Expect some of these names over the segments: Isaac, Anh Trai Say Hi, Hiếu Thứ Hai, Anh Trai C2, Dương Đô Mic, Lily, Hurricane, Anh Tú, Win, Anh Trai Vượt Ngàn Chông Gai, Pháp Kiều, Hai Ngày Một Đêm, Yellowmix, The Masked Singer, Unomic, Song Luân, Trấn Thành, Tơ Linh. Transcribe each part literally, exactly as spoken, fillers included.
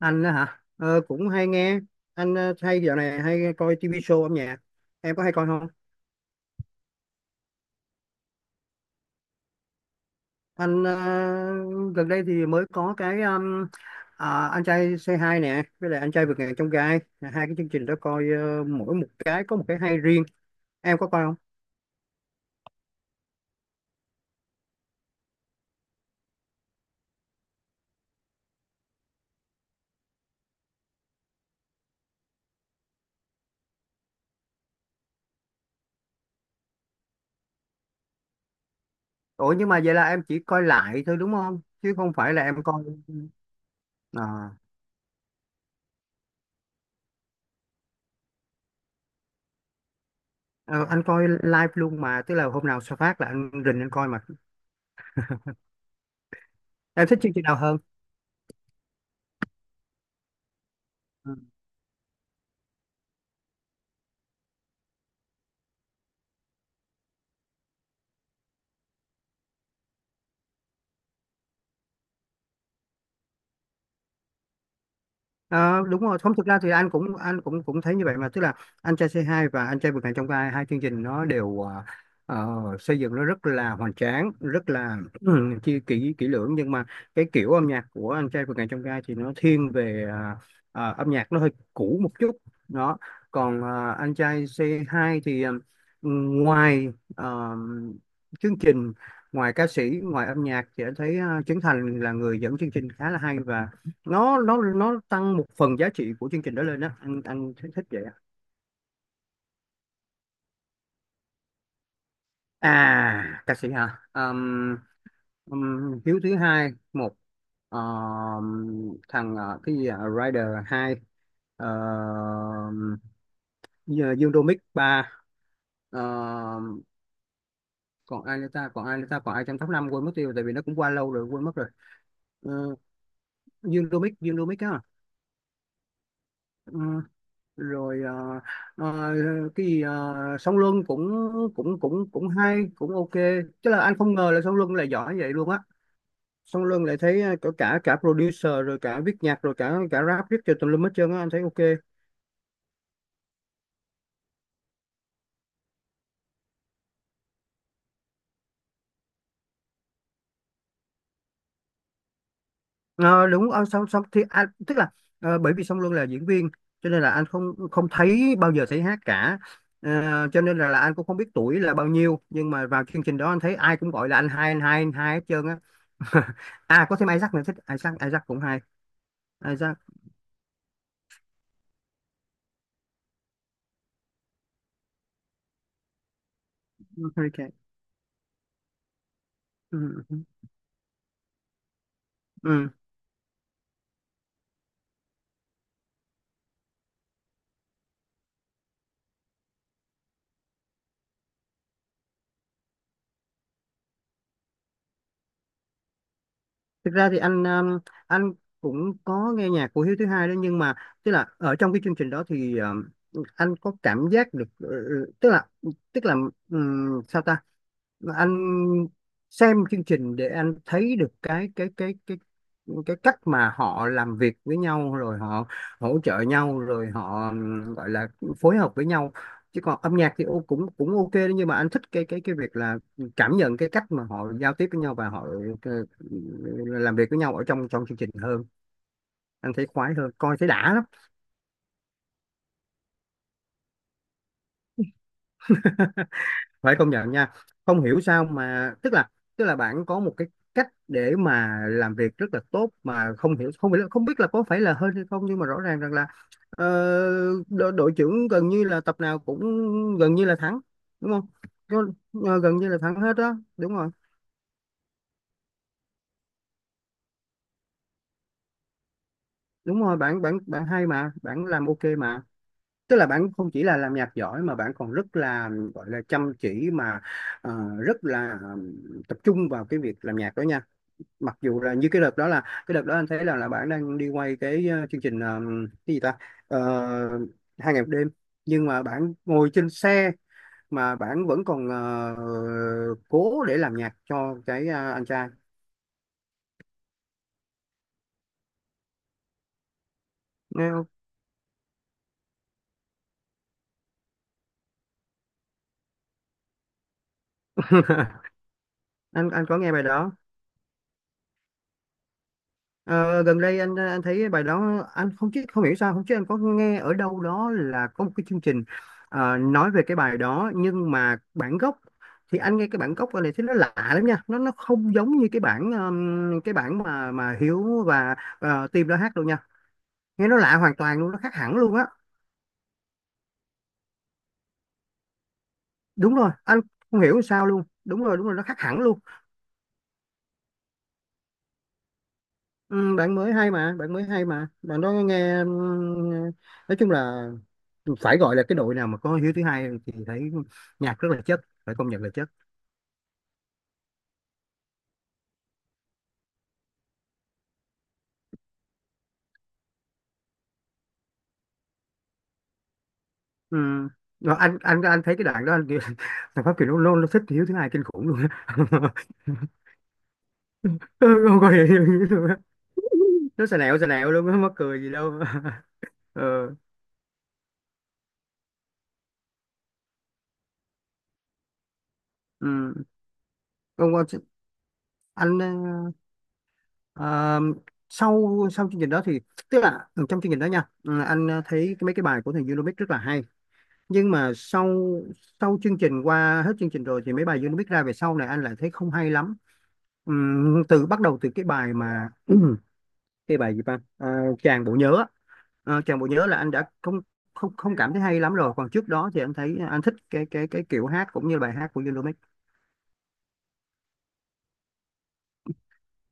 Anh á hả? ờ, Cũng hay nghe. Anh ờ, hay dạo này hay coi ti vi show âm nhạc. Em có hay coi không? Anh ờ, gần đây thì mới có cái, um, à, anh trai Say Hi nè, với lại anh trai vượt ngàn chông gai. Hai cái chương trình đó coi ờ, mỗi một cái có một cái hay riêng. Em có coi không? Ủa nhưng mà vậy là em chỉ coi lại thôi đúng không, chứ không phải là em coi. à, ờ, anh coi live luôn mà, tức là hôm nào sao phát là anh rình anh coi mà. Em thích chương trình nào hơn? Ừ. Ờ, Đúng rồi, không thực ra thì anh cũng anh cũng cũng thấy như vậy mà, tức là anh trai xê hai và anh trai vượt ngàn chông gai, hai chương trình nó đều ờ, ờ, xây dựng nó rất là hoành tráng, rất là ừ, chi kỹ kỹ lưỡng. Nhưng mà cái kiểu âm nhạc của anh trai vượt ngàn chông gai thì nó thiên về ờ, ờ, âm nhạc nó hơi cũ một chút đó. Còn ờ, anh trai xê hai thì ờ, ngoài ờ, chương trình, ngoài ca sĩ, ngoài âm nhạc thì anh thấy ờ, Trấn Thành là người dẫn chương trình khá là hay, và nó nó nó tăng một phần giá trị của chương trình đó lên á. Anh anh thích, thích vậy á. À ca sĩ hả? Ờm, ừm, Hiếu thứ hai một. Ờm, thằng ờ, cái gì à? Rider hai. Ờm, Dư- Dương Đô Mic ba. Ờm, Còn ai nữa ta, còn ai nữa ta, còn ai trong top năm, quên mất tiêu tại vì nó cũng qua lâu rồi, quên mất rồi. Ờ, Dương Đô Mic, Dương Đô Mic á. Rồi à, à, cái gì à, song luân cũng cũng cũng cũng hay, cũng ok. Chứ là anh không ngờ là song luân lại giỏi vậy luôn á. Song luân lại thấy à, cả cả cả producer rồi, cả viết nhạc rồi, cả cả rap viết cho tùm lum hết trơn á, anh thấy ok. Ờ, Đúng ờ, song song thì anh tức là ờ, bởi vì song luân là diễn viên cho nên là anh không không thấy, bao giờ thấy hát cả. Ờ, cho nên là, là anh cũng không biết tuổi là bao nhiêu, nhưng mà vào chương trình đó anh thấy ai cũng gọi là anh hai, anh hai, anh hai hết trơn á. À có thêm Isaac nữa, thích Isaac, Isaac cũng hay. À, ra Hurricane. Ừ. ừ, ừ. Thực ra thì anh, um, anh cũng có nghe nhạc của Hiếu thứ hai đó, nhưng mà tức là ở trong cái chương trình đó thì, um, anh có cảm giác được, ừ, ừ, tức là, tức là um, sao ta, anh xem chương trình để anh thấy được cái cái cái cái cái cách mà họ làm việc với nhau, rồi họ hỗ trợ nhau, rồi họ gọi là phối hợp với nhau. Chứ còn âm nhạc thì ô- cũng cũng ok đấy, nhưng mà anh thích cái cái cái việc là cảm nhận cái cách mà họ giao tiếp với nhau, và họ ừ, làm việc với nhau ở trong trong chương trình hơn. Anh thấy khoái hơn, coi thấy đã lắm. Phải công nhận nha, không hiểu sao mà, tức là, tức là bạn có một cái cách để mà làm việc rất là tốt, mà không hiểu, không biết không biết là có phải là hên hay không, nhưng mà rõ ràng rằng là ờ, đo- đội trưởng gần như là tập nào cũng gần như là thắng. Đúng không? Có- ờ, Gần như là thắng hết đó, đúng rồi. Đúng rồi, bạn bạn bạn hay mà, bạn làm ok mà. Tức là bạn không chỉ là làm nhạc giỏi, mà bạn còn rất là, gọi là, chăm chỉ mà, ờ, rất là ờ, tập trung vào cái việc làm nhạc đó nha. Mặc dù là như cái đợt đó, là cái đợt đó anh thấy là, là bạn đang đi quay cái ờ, chương trình, ờ, cái gì ta, Ờ, hai ngày một đêm. Nhưng mà bạn ngồi trên xe mà bạn vẫn còn ờ, cố để làm nhạc cho cái ờ, anh trai. Nghe không? anh anh có nghe bài đó. Ờ, Gần đây anh anh thấy bài đó, anh không biết không hiểu sao không, chứ anh có nghe ở đâu đó là có một cái chương trình ờ, nói về cái bài đó, nhưng mà bản gốc thì anh nghe cái bản gốc này thấy nó lạ lắm nha, nó nó không giống như cái bản ừm, cái bản mà mà Hiếu và uh, Tim đã hát đâu nha. Nghe nó lạ hoàn toàn luôn, nó khác hẳn luôn á. Đúng rồi, anh không hiểu sao luôn, đúng rồi, đúng rồi, nó khác hẳn luôn. Ừ, bạn mới hay mà, bạn mới hay mà, bạn đó nghe ừm, nói chung là, phải gọi là cái đội nào mà có Hiếu thứ hai thì thấy nhạc rất là chất, phải công nhận là chất. Ừ. Rồi anh anh anh thấy cái đoạn đó, anh kiểu, thằng Pháp Kiều nó, nó, nó thích Hiếu thứ hai kinh khủng luôn á. Ừ, không có hiểu Hiếu luôn á. Nó xà nẹo, xà nẹo luôn á, mắc cười gì đâu. ờ ừ. Còn còn anh ờ, ờ, sau sau chương trình đó thì, tức là trong chương trình đó nha, ừ, anh thấy cái- mấy cái bài của thằng Unomic rất là hay. Nhưng mà sau, sau chương trình, qua hết chương trình rồi, thì mấy bài Unomic ra về sau này anh lại thấy không hay lắm. Ừm, từ bắt đầu, từ cái bài mà cái bài gì ta, à, chàng bộ nhớ á. À, chàng bộ nhớ là anh đã không không không cảm thấy hay lắm rồi. Còn trước đó thì anh thấy anh thích cái cái cái kiểu hát cũng như bài hát của Yellowmix.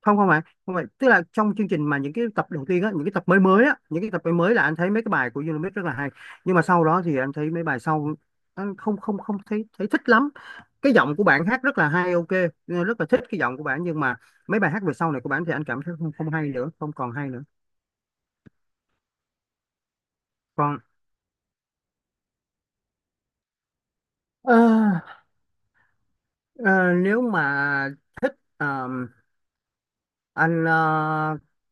Không không phải không phải tức là trong chương trình, mà những cái tập đầu tiên á, những cái tập mới mới á, những cái tập mới mới là anh thấy mấy cái bài của Yellowmix rất là hay. Nhưng mà sau đó thì anh thấy mấy bài sau anh không không không thấy thấy thích lắm. Cái giọng của bạn hát rất là hay, ok, rất là thích cái giọng của bạn, nhưng mà mấy bài hát về sau này của bạn thì anh cảm thấy không, không hay nữa, không còn hay nữa. Còn Ờ, ờ, nếu mà thích ờm, anh ờ,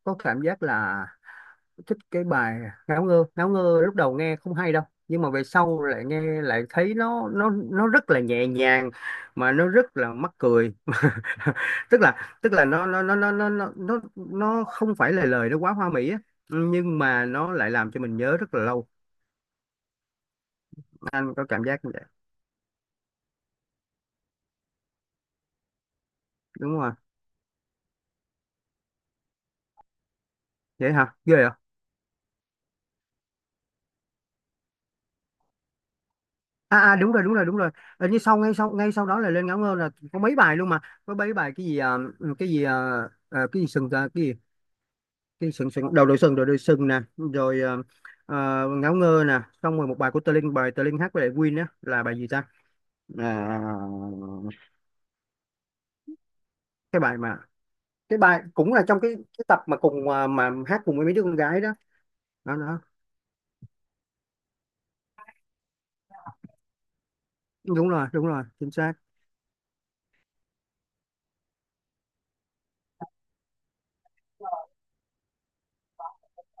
có cảm giác là thích cái bài Ngáo Ngơ. Ngáo Ngơ lúc đầu nghe không hay đâu, nhưng mà về sau lại nghe, lại thấy nó nó nó rất là nhẹ nhàng, mà nó rất là mắc cười. Tức là, tức là nó nó nó nó nó nó nó nó không phải là lời nó quá hoa mỹ á, nhưng mà nó lại làm cho mình nhớ rất là lâu. Anh có cảm giác như vậy. Đúng không ạ? Vậy hả, ghê hả? À, à, đúng rồi, đúng rồi, đúng rồi. Ờ, như sau, ngay sau, ngay sau đó là lên Ngáo Ngơ là có mấy bài luôn mà. Có mấy bài, cái gì à, ừ, cái gì à, à, cái gì sừng à, cái gì, cái gì sừng sừng, đầu đội sừng, đầu đội sừng nè, rồi à, à, Ngáo Ngơ nè, xong rồi một bài của Tơ Linh, bài Tơ Linh hát với lại Win á, là bài gì ta, à, cái bài mà, cái bài cũng là trong cái, cái tập mà cùng, à, mà hát cùng với mấy đứa con gái đó. Đó, đó. Đúng rồi, đúng rồi, chính xác.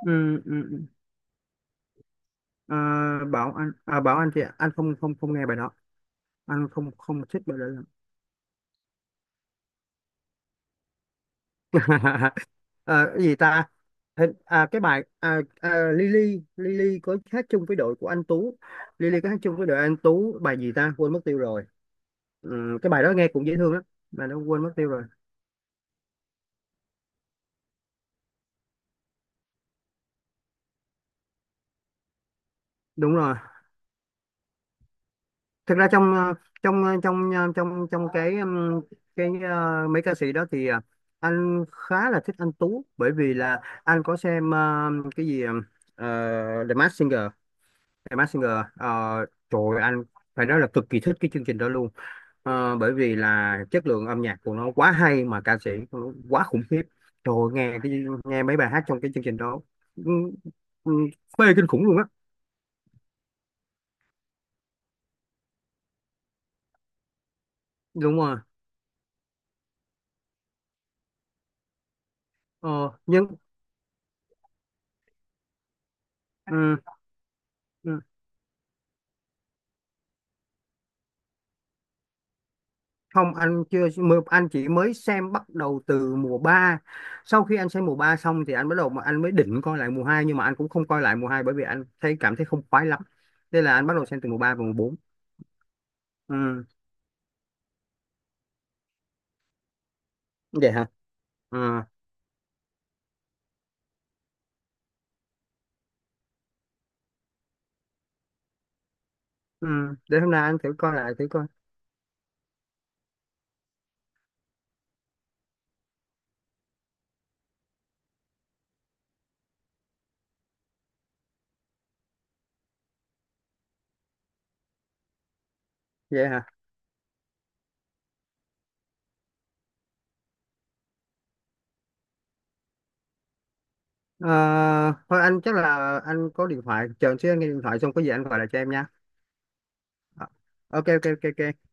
Ừ, ừ. Ừ. À, bảo anh, à, bảo anh thì anh không không không nghe bài đó. Anh không không thích bài đó. Ờ, cái gì ta. Hình, à, cái bài, à, à, Lily Lily có hát chung với đội của anh Tú. Lily có hát chung với đội anh Tú bài gì ta, quên mất tiêu rồi. Ừ, cái bài đó nghe cũng dễ thương lắm, mà nó quên mất tiêu rồi. Đúng rồi. Thực ra trong ờ, trong ờ, trong ờ, trong trong cái, ừm, cái ờ, mấy ca sĩ đó thì ờ, anh khá là thích anh Tú, bởi vì là anh có xem ờ, cái gì, ờ, The Masked Singer, The Masked Singer. Ờ, trời ơi, anh phải nói là cực kỳ thích cái chương trình đó luôn. Ờ, bởi vì là chất lượng âm nhạc của nó quá hay, mà ca sĩ của nó quá khủng khiếp. Trời ơi, nghe cái, nghe mấy bài hát trong cái chương trình đó, ừ, ừ, phê kinh khủng luôn á. Đúng rồi. ờ, nhưng, ừ, ừ. Không, anh chưa mơ- anh chỉ mới xem, bắt đầu từ mùa ba. Sau khi anh xem mùa ba xong thì anh bắt đầu, mà anh mới định coi lại mùa hai, nhưng mà anh cũng không coi lại mùa hai, bởi vì anh thấy cảm thấy không khoái lắm, nên là anh bắt đầu xem từ mùa ba và mùa bốn. Ừ. Vậy hả. Ừ. Ừ. Để hôm nay anh thử coi lại, thử coi. Vậy hả. Ờ, Thôi anh chắc là anh có điện thoại, chờ anh xíu, anh nghe điện thoại xong có gì anh gọi lại cho em nha. Ờ, ok, ok, ok, ok.